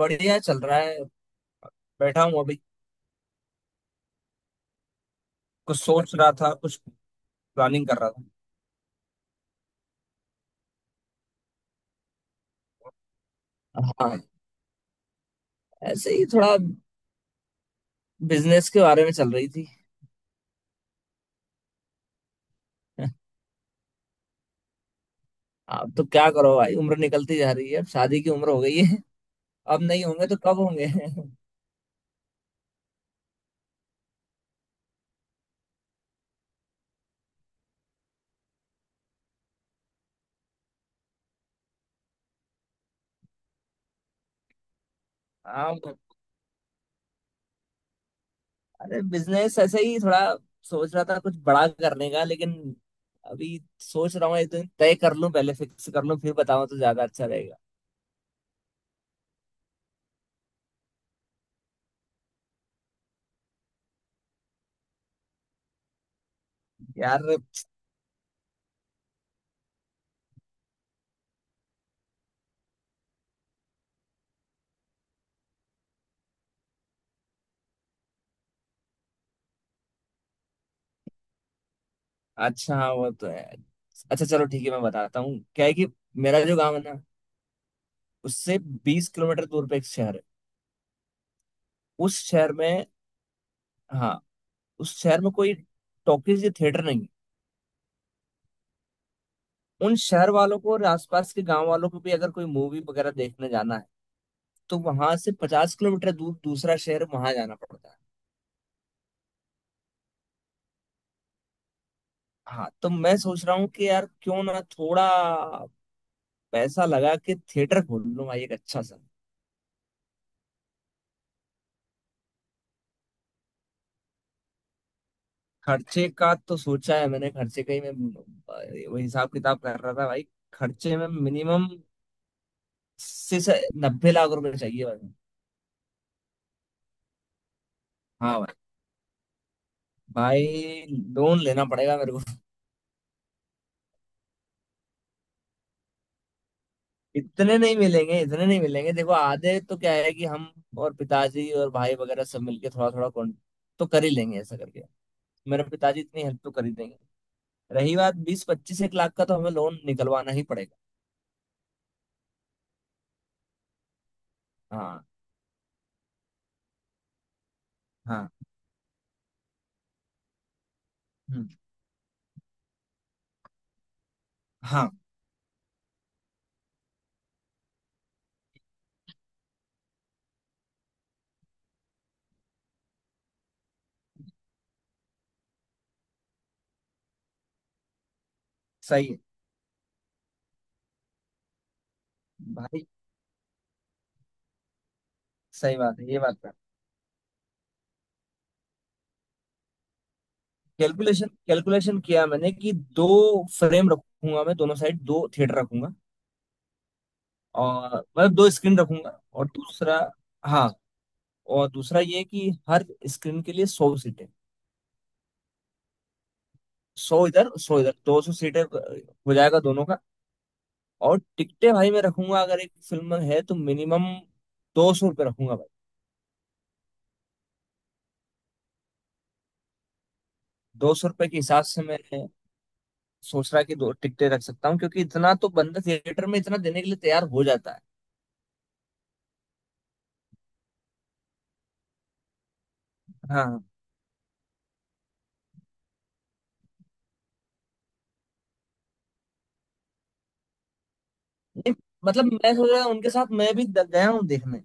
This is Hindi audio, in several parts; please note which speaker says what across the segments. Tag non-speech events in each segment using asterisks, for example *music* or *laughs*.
Speaker 1: बढ़िया चल रहा है। बैठा हूँ अभी। कुछ सोच रहा था, कुछ प्लानिंग कर रहा था। हाँ, ऐसे ही थोड़ा बिजनेस के बारे में चल रही थी। *laughs* अब तो क्या करो भाई, उम्र निकलती जा रही है। अब शादी की उम्र हो गई है। अब नहीं होंगे तो कब होंगे? *laughs* हाँ, अरे बिजनेस ऐसे ही थोड़ा सोच रहा था कुछ बड़ा करने का, लेकिन अभी सोच रहा हूँ एक दिन तय कर लूं, पहले फिक्स कर लूं, फिर बताऊं तो ज्यादा अच्छा रहेगा यार। अच्छा, हाँ, वो तो है। अच्छा चलो, ठीक है, मैं बताता हूँ। क्या है कि मेरा जो गाँव है ना, उससे 20 किलोमीटर दूर पे एक शहर है। उस शहर में, हाँ, उस शहर में कोई टॉकीज या थिएटर नहीं है। उन शहर वालों को और आसपास के गांव वालों को भी अगर कोई मूवी वगैरह देखने जाना है, तो वहां से 50 किलोमीटर दूर दूसरा शहर, वहां जाना पड़ता है। हाँ, तो मैं सोच रहा हूँ कि यार क्यों ना थोड़ा पैसा लगा के थिएटर खोल लूँ भाई, एक अच्छा सा। खर्चे का तो सोचा है मैंने। खर्चे का ही मैं वो हिसाब किताब कर रहा था भाई। खर्चे में मिनिमम से 90 लाख रुपए चाहिए भाई। हाँ भाई, लोन लेना पड़ेगा मेरे को। इतने नहीं मिलेंगे, इतने नहीं मिलेंगे। देखो, आधे तो क्या है कि हम और पिताजी और भाई वगैरह सब मिलके थोड़ा थोड़ा कौन तो कर ही लेंगे, ऐसा करके। मेरे पिताजी इतनी हेल्प तो कर ही देंगे। रही बात बीस पच्चीस एक लाख का, तो हमें लोन निकलवाना ही पड़ेगा। हाँ, हाँ। हम्म, हाँ। सही है भाई। सही बात है, ये बात तो है। कैलकुलेशन, कैलकुलेशन किया मैंने कि दो फ्रेम रखूंगा मैं। दोनों साइड दो थिएटर रखूंगा और मतलब दो स्क्रीन रखूंगा, और दूसरा। हाँ, और दूसरा ये कि हर स्क्रीन के लिए 100 सीटें। सौ इधर सौ इधर, 200 सीटें हो जाएगा दोनों का। और टिकटें भाई मैं रखूंगा, अगर एक फिल्म है तो मिनिमम 200 रुपये रखूंगा भाई। 200 रुपये के हिसाब से मैं सोच रहा कि दो टिकटें रख सकता हूँ, क्योंकि इतना तो बंदा थिएटर में इतना देने के लिए तैयार हो जाता है। हाँ। नहीं, मतलब मैं सोच रहा हूँ उनके साथ मैं भी गया हूँ देखने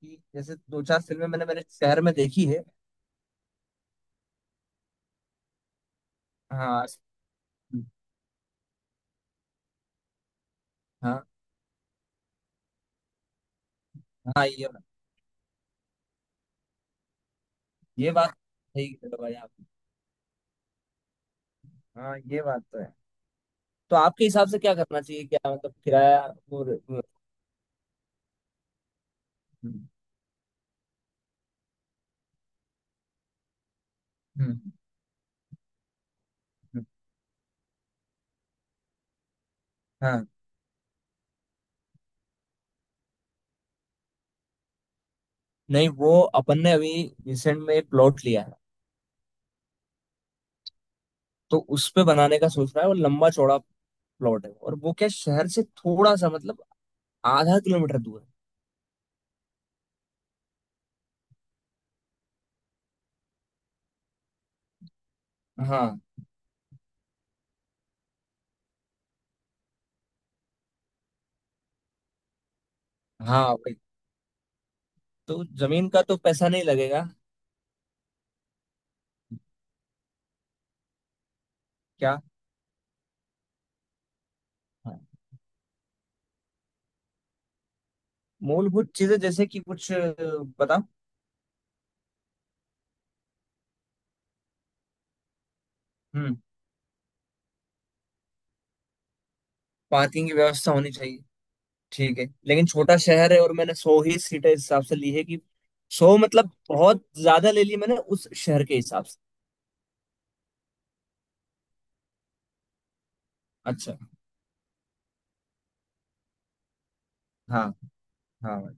Speaker 1: कि जैसे दो चार फिल्में मैंने मेरे शहर में देखी है। हाँ, हाँ, हाँ। ये बात सही कह रहे हो भाई आप। हाँ, ये बात तो है। तो आपके हिसाब से क्या करना चाहिए? क्या मतलब, किराया वो। हम्म, हम्म। हाँ। नहीं, वो अपन ने अभी रिसेंट में एक प्लॉट लिया है। तो उस पे बनाने का सोच रहा है। वो लंबा चौड़ा प्लॉट है और वो क्या, शहर से थोड़ा सा मतलब आधा किलोमीटर दूर है। हाँ, हाँ, वही तो। जमीन का तो पैसा नहीं लगेगा। क्या? हाँ, मूलभूत चीजें जैसे कि कुछ बताओ। हम्म। पार्किंग की व्यवस्था होनी चाहिए, ठीक है, लेकिन छोटा शहर है और मैंने सौ ही सीटें इस हिसाब से ली है कि सौ मतलब बहुत ज्यादा ले ली मैंने उस शहर के हिसाब से। अच्छा। हाँ, हाँ भाई।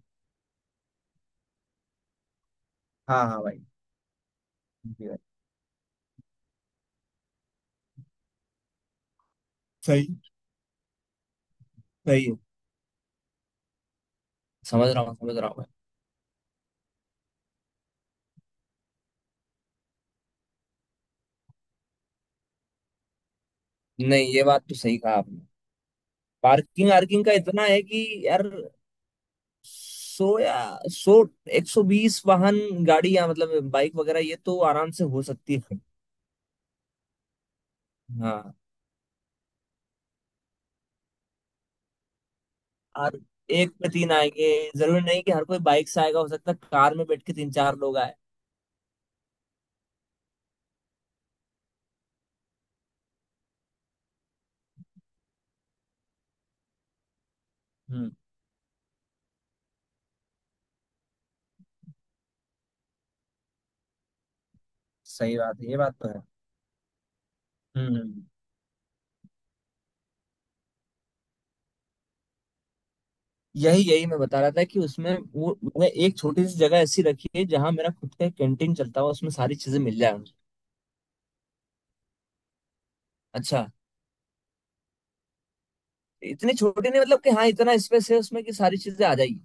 Speaker 1: हाँ, हाँ भाई। जी भाई। सही, सही है। समझ रहा हूँ, समझ रहा हूँ। मैं। नहीं, ये बात तो सही कहा आपने। पार्किंग आर्किंग का इतना है कि यार, सो या सो 120 वाहन, गाड़ी या मतलब बाइक वगैरह, ये तो आराम से हो सकती है। हाँ, और एक पे तीन आएंगे। जरूरी नहीं कि हर कोई बाइक से आएगा, हो सकता है कार में बैठ के तीन चार लोग आए। हम्म, सही बात है, ये बात तो है। हम्म। यही, यही मैं बता रहा था कि उसमें वो मैं एक छोटी सी जगह ऐसी रखी है जहां मेरा खुद का कैंटीन चलता हुआ, उसमें सारी चीजें मिल जाए मुझे। अच्छा, इतनी छोटी नहीं, मतलब कि हाँ, इतना स्पेस है उसमें कि सारी चीजें आ जाएगी।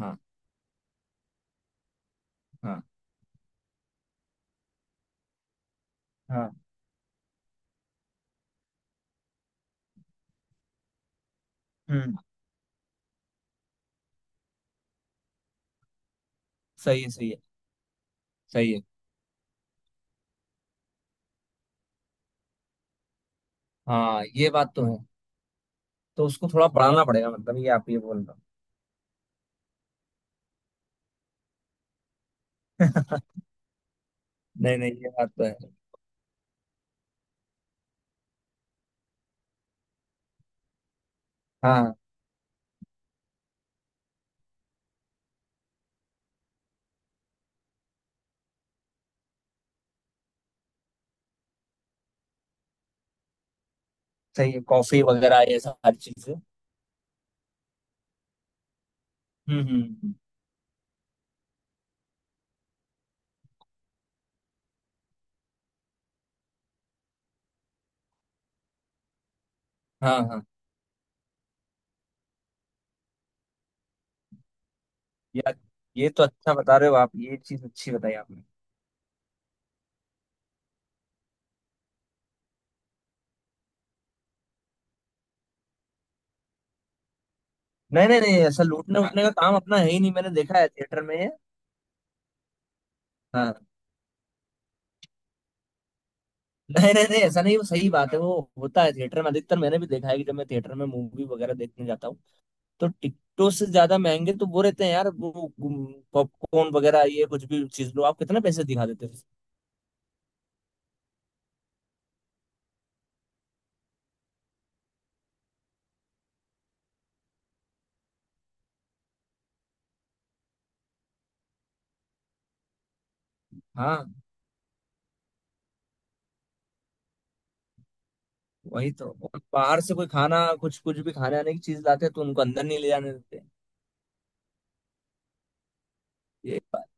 Speaker 1: हाँ, हाँ, हाँ। हम्म। सही है, सही है, सही है। हाँ, ये बात तो है। तो उसको थोड़ा बढ़ाना पड़ेगा, मतलब ये आप ये बोल रहे हो। *laughs* नहीं, नहीं, ये बात तो है। हाँ, सही है, कॉफी वगैरह ये सारी चीजें। हम्म, हाँ, हाँ, यार ये तो अच्छा बता रहे हो आप। ये चीज अच्छी बताई आपने। नहीं, नहीं, नहीं, ऐसा लूटने, हाँ, उटने का काम अपना है ही नहीं। मैंने देखा है थिएटर में ये। हाँ, नहीं, नहीं, नहीं, ऐसा नहीं। वो सही बात है, वो होता है थिएटर में अधिकतर। मैंने भी देखा है कि जब मैं थिएटर में मूवी वगैरह देखने जाता हूँ, तो टिकटों से ज्यादा महंगे तो वो रहते हैं यार, वो पॉपकॉर्न वगैरह। ये कुछ भी चीज लो आप, कितना पैसे दिखा देते हो। हाँ, वही तो। और बाहर से कोई खाना कुछ कुछ भी खाने आने की चीज लाते हैं, तो उनको अंदर नहीं ले जाने देते। ये बात।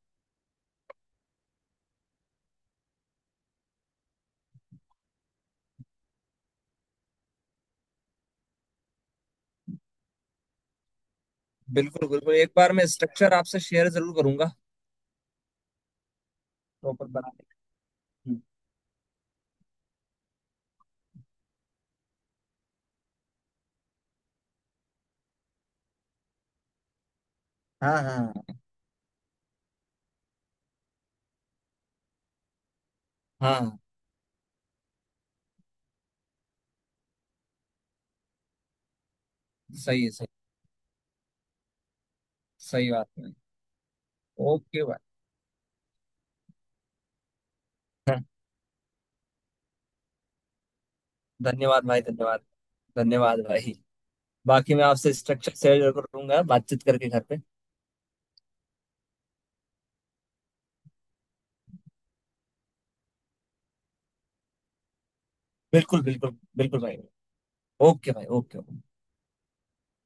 Speaker 1: बिल्कुल, बिल्कुल, एक बार मैं स्ट्रक्चर आपसे शेयर जरूर करूंगा, प्रॉपर बना के। हम्म, हाँ, हाँ, हाँ, सही है, सही है। सही बात है। ओके भाई। हाँ। धन्यवाद भाई, धन्यवाद, धन्यवाद भाई। बाकी मैं आपसे स्ट्रक्चर शेयर करूंगा, बातचीत करके घर पे। बिल्कुल, बिल्कुल, बिल्कुल भाई। ओके भाई, ओके।